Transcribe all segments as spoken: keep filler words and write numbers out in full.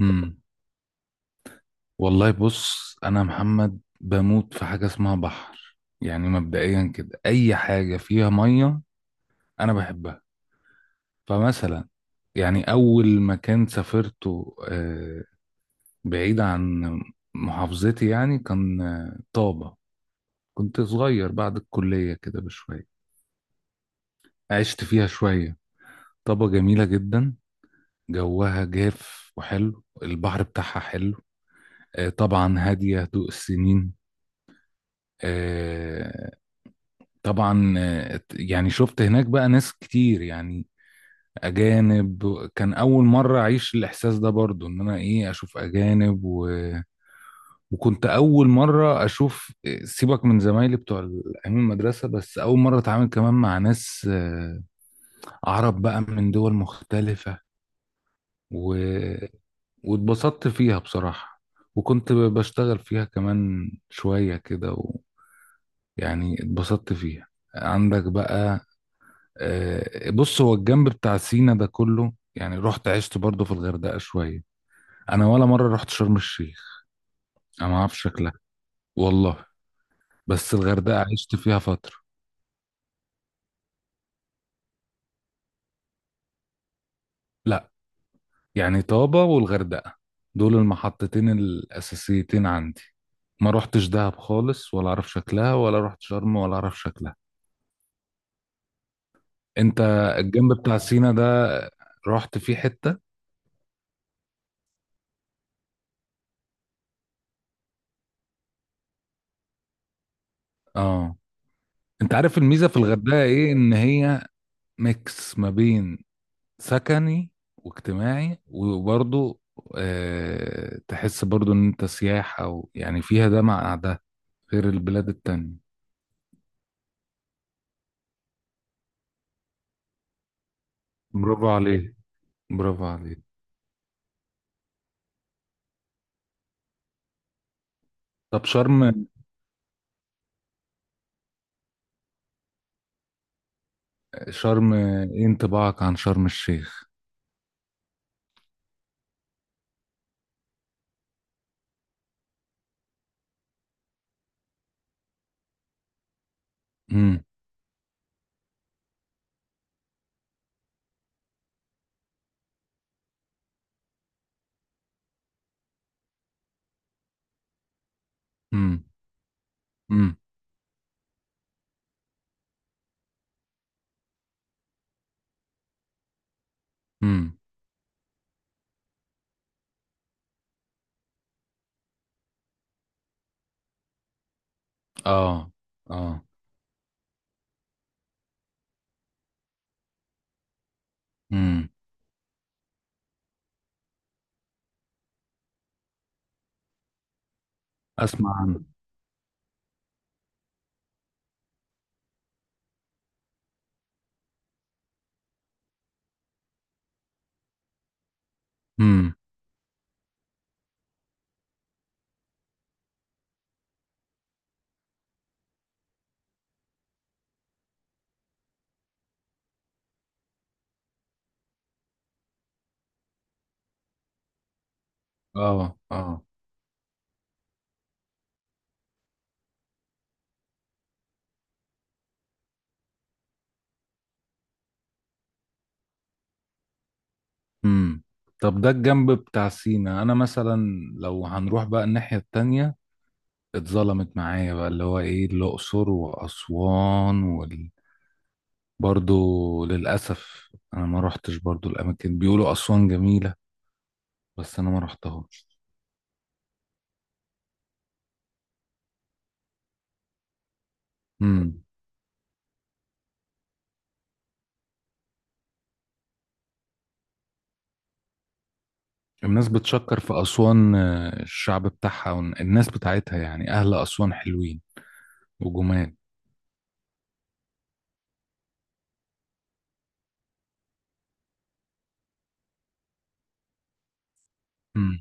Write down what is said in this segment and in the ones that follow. امم والله، بص. انا محمد بموت في حاجه اسمها بحر، يعني مبدئيا كده اي حاجه فيها ميه انا بحبها. فمثلا يعني اول مكان سافرته، آه، بعيد عن محافظتي، يعني كان آه، طابه. كنت صغير بعد الكليه كده بشويه، عشت فيها شويه. طابه جميله جدا، جوها جاف وحلو، البحر بتاعها حلو. آه، طبعا هاديه، هدوء السنين. آه، طبعا. آه، يعني شفت هناك بقى ناس كتير، يعني اجانب. كان اول مره اعيش الاحساس ده، برضو ان انا ايه اشوف اجانب و... وكنت اول مره اشوف آه، سيبك من زمايلي بتوع ال- ايام المدرسه. بس اول مره اتعامل كمان مع ناس آه، عرب بقى من دول مختلفه و... واتبسطت فيها بصراحه. وكنت ب- بشتغل فيها كمان شويه كده، ويعني اتبسطت فيها. عندك بقى. آه، بص، هو الجنب بتاع سينا ده كله يعني رحت عشت برضه في الغردقة شوية. أنا ولا مرة رحت شرم الشيخ، أنا ما أعرفش شكلها. والله. بس الغردقة عشت فيها فترة. لا، يعني طابة والغردقة، دول المحطتين الأساسيتين عندي. ما رحتش دهب خالص ولا أعرف شكلها، ولا رحت شرم ولا أعرف شكلها. أنت الجنب بتاع سينا ده رحت فيه حتة؟ آه. أنت عارف الميزة في الغردقة إيه؟ إن هي ميكس ما بين سكني واجتماعي، وبرضه آه، تحس برضه ان انت سياحة و- يعني فيها ده مع ده، غير البلاد التانية. برافو عليك، برافو عليك. طب، شرم شرم ايه انطباعك عن شرم الشيخ؟ امم، امم، امم، امم. اه، اه. امم. اسمع عنه. امم. اه، اه. امم. طب، ده الجنب بتاع سينا. انا مثلا لو هنروح بقى الناحية التانية، اتظلمت معايا بقى اللي هو ايه الأقصر وأسوان وال... برضو للأسف أنا ما روحتش، برضو الأماكن بيقولوا أسوان جميلة، بس أنا ما روحتهاش. امم. الناس بتشكر في أسوان، آه، الشعب بتاعها والناس بتاعتها، يعني أهل أسوان حلوين وجمال. امم.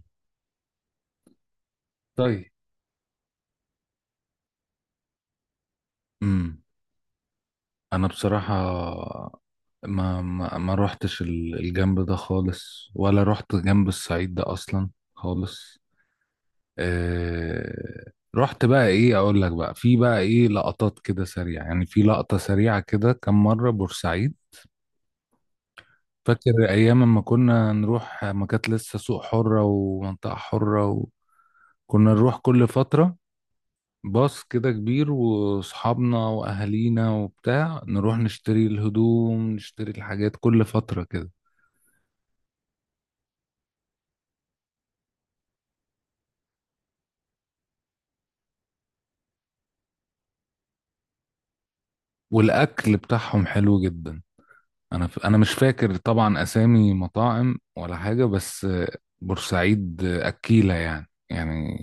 طيب. امم. أنا بصراحة ما ما, ما روحتش ال- الجنب ده خالص، ولا روحت جنب الصعيد ده أصلا خالص. آه. رحت بقى، ايه اقول لك، بقى في بقى ايه لقطات كده سريعة. يعني في لقطة سريعة كده كم مرة بورسعيد. فاكر ايام ما كنا نروح ما كانت لسه سوق حرة ومنطقة حرة، وكنا نروح كل فترة. باص كده كبير واصحابنا واهالينا وبتاع، نروح نشتري الهدوم، نشتري الحاجات كل فترة كده. والاكل بتاعهم حلو جدا. انا ف... انا مش فاكر طبعا اسامي مطاعم ولا حاجه، بس بورسعيد اكيله يعني يعني.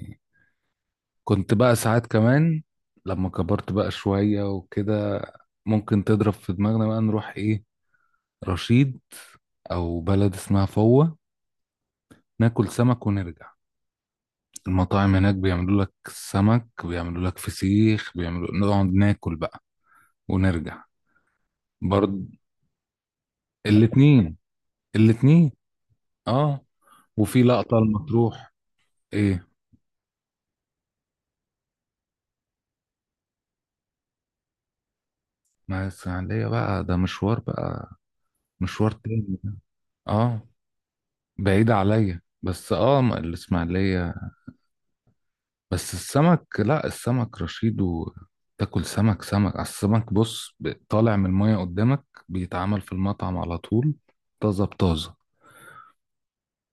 كنت بقى ساعات كمان لما كبرت بقى شويه وكده، ممكن تضرب في دماغنا بقى نروح ايه، رشيد او بلد اسمها فوة، ناكل سمك ونرجع. المطاعم هناك بيعملوا لك سمك، بيعملوا لك فسيخ، بيعملوا نقعد ناكل بقى، ونرجع. برضه. الاتنين. الاتنين. اه. وفي لقطة المطروح. ايه. مع الإسماعيلية بقى، ده مشوار، بقى مشوار تاني. اه، بعيد عليا، بس اه م- الإسماعيلية. بس السمك. لا، السمك رشيد، وتاكل سمك سمك على السمك، بص ب- طالع من المية قدامك، بيتعمل في المطعم على طول، طازة بطازة.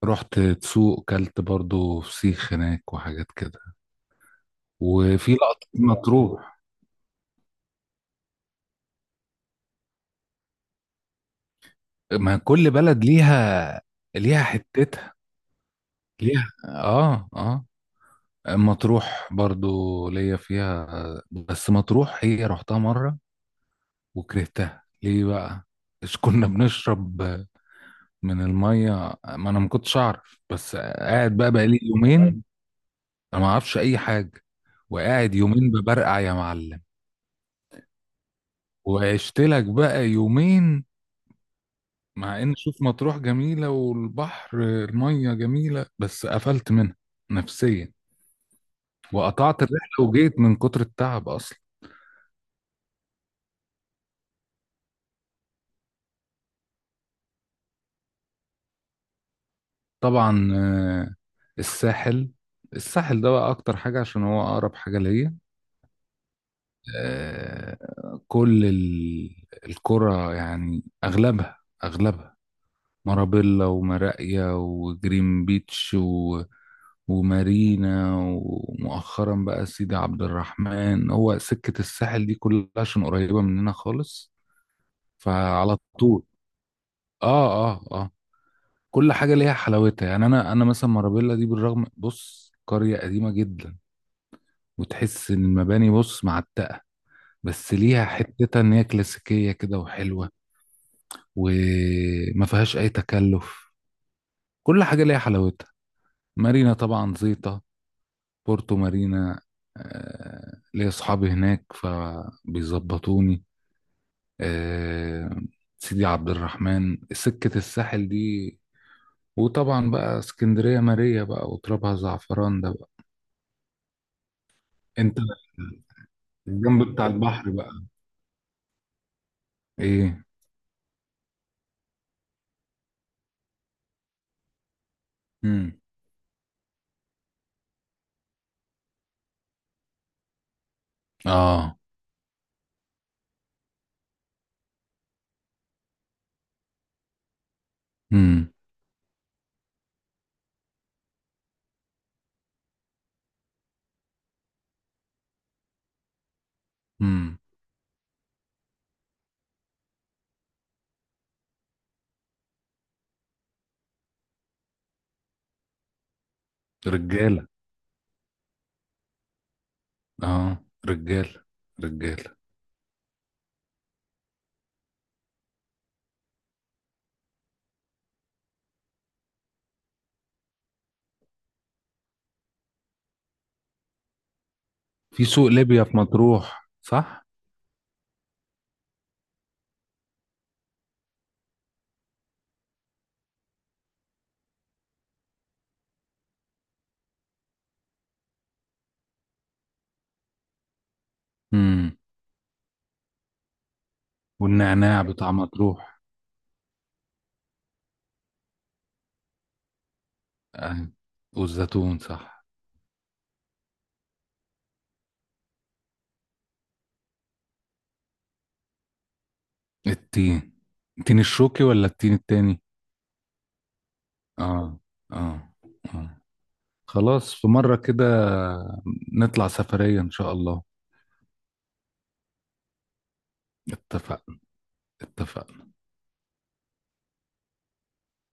رحت تسوق كلت برضو فسيخ هناك وحاجات كده. وفي لقطة مطروح. ما كل بلد ليها. ليها حتتها. ليها. اه، اه. مطروح برضو ليا فيها، بس مطروح هي رحتها مرة وكرهتها. ليه بقى؟ مش كنا بنشرب من المية، ما انا ما كنتش اعرف، بس قاعد بقى بقالي يومين. انا ما اعرفش اي حاجة، وقاعد يومين ببرقع يا معلم. وعشت لك بقى يومين. مع ان، شوف، مطروح جميلة والبحر المية جميلة، بس قفلت منها نفسيا. وقطعت الرحلة وجيت من كتر التعب اصلا. طبعا. آه، الساحل الساحل ده بقى اكتر حاجة عشان هو اقرب حاجة ليا. آه، كل ال- القرى يعني اغلبها، اغلبها مارابيلا ومراقيا وجرين بيتش و... ومارينا، ومؤخرا بقى سيدي عبد الرحمن. هو سكة الساحل دي كلها عشان قريبة مننا خالص. فعلى طول. اه، اه، آه. كل حاجة ليها حلاوتها. يعني أنا أنا مثلا، مارابيلا دي بالرغم، بص قرية قديمة جدا، وتحس إن المباني، بص، معتقة، بس ليها حتتها إن هي كلاسيكية كده وحلوة، وما فيهاش أي تكلف. كل حاجة ليها حلاوتها. مارينا طبعا زيطة، بورتو مارينا. آه، ليا أصحابي هناك فبيظبطوني. آه، سيدي عبد الرحمن، سكة الساحل دي. وطبعا بقى اسكندرية، ماريا بقى وترابها زعفران ده بقى. انت الجنب بتاع البحر بقى. ايه. امم. اه. امم. امم. رجاله. اه. رجاله. رجاله. في سوق ليبيا في مطروح، صح؟ امم. والنعناع بتاع مطروح. آه. والزيتون، صح. التين. التين الشوكي ولا التين التاني؟ اه، اه، اه. خلاص، في مرة كده نطلع سفرية إن شاء الله. اتفقنا، اتفقنا.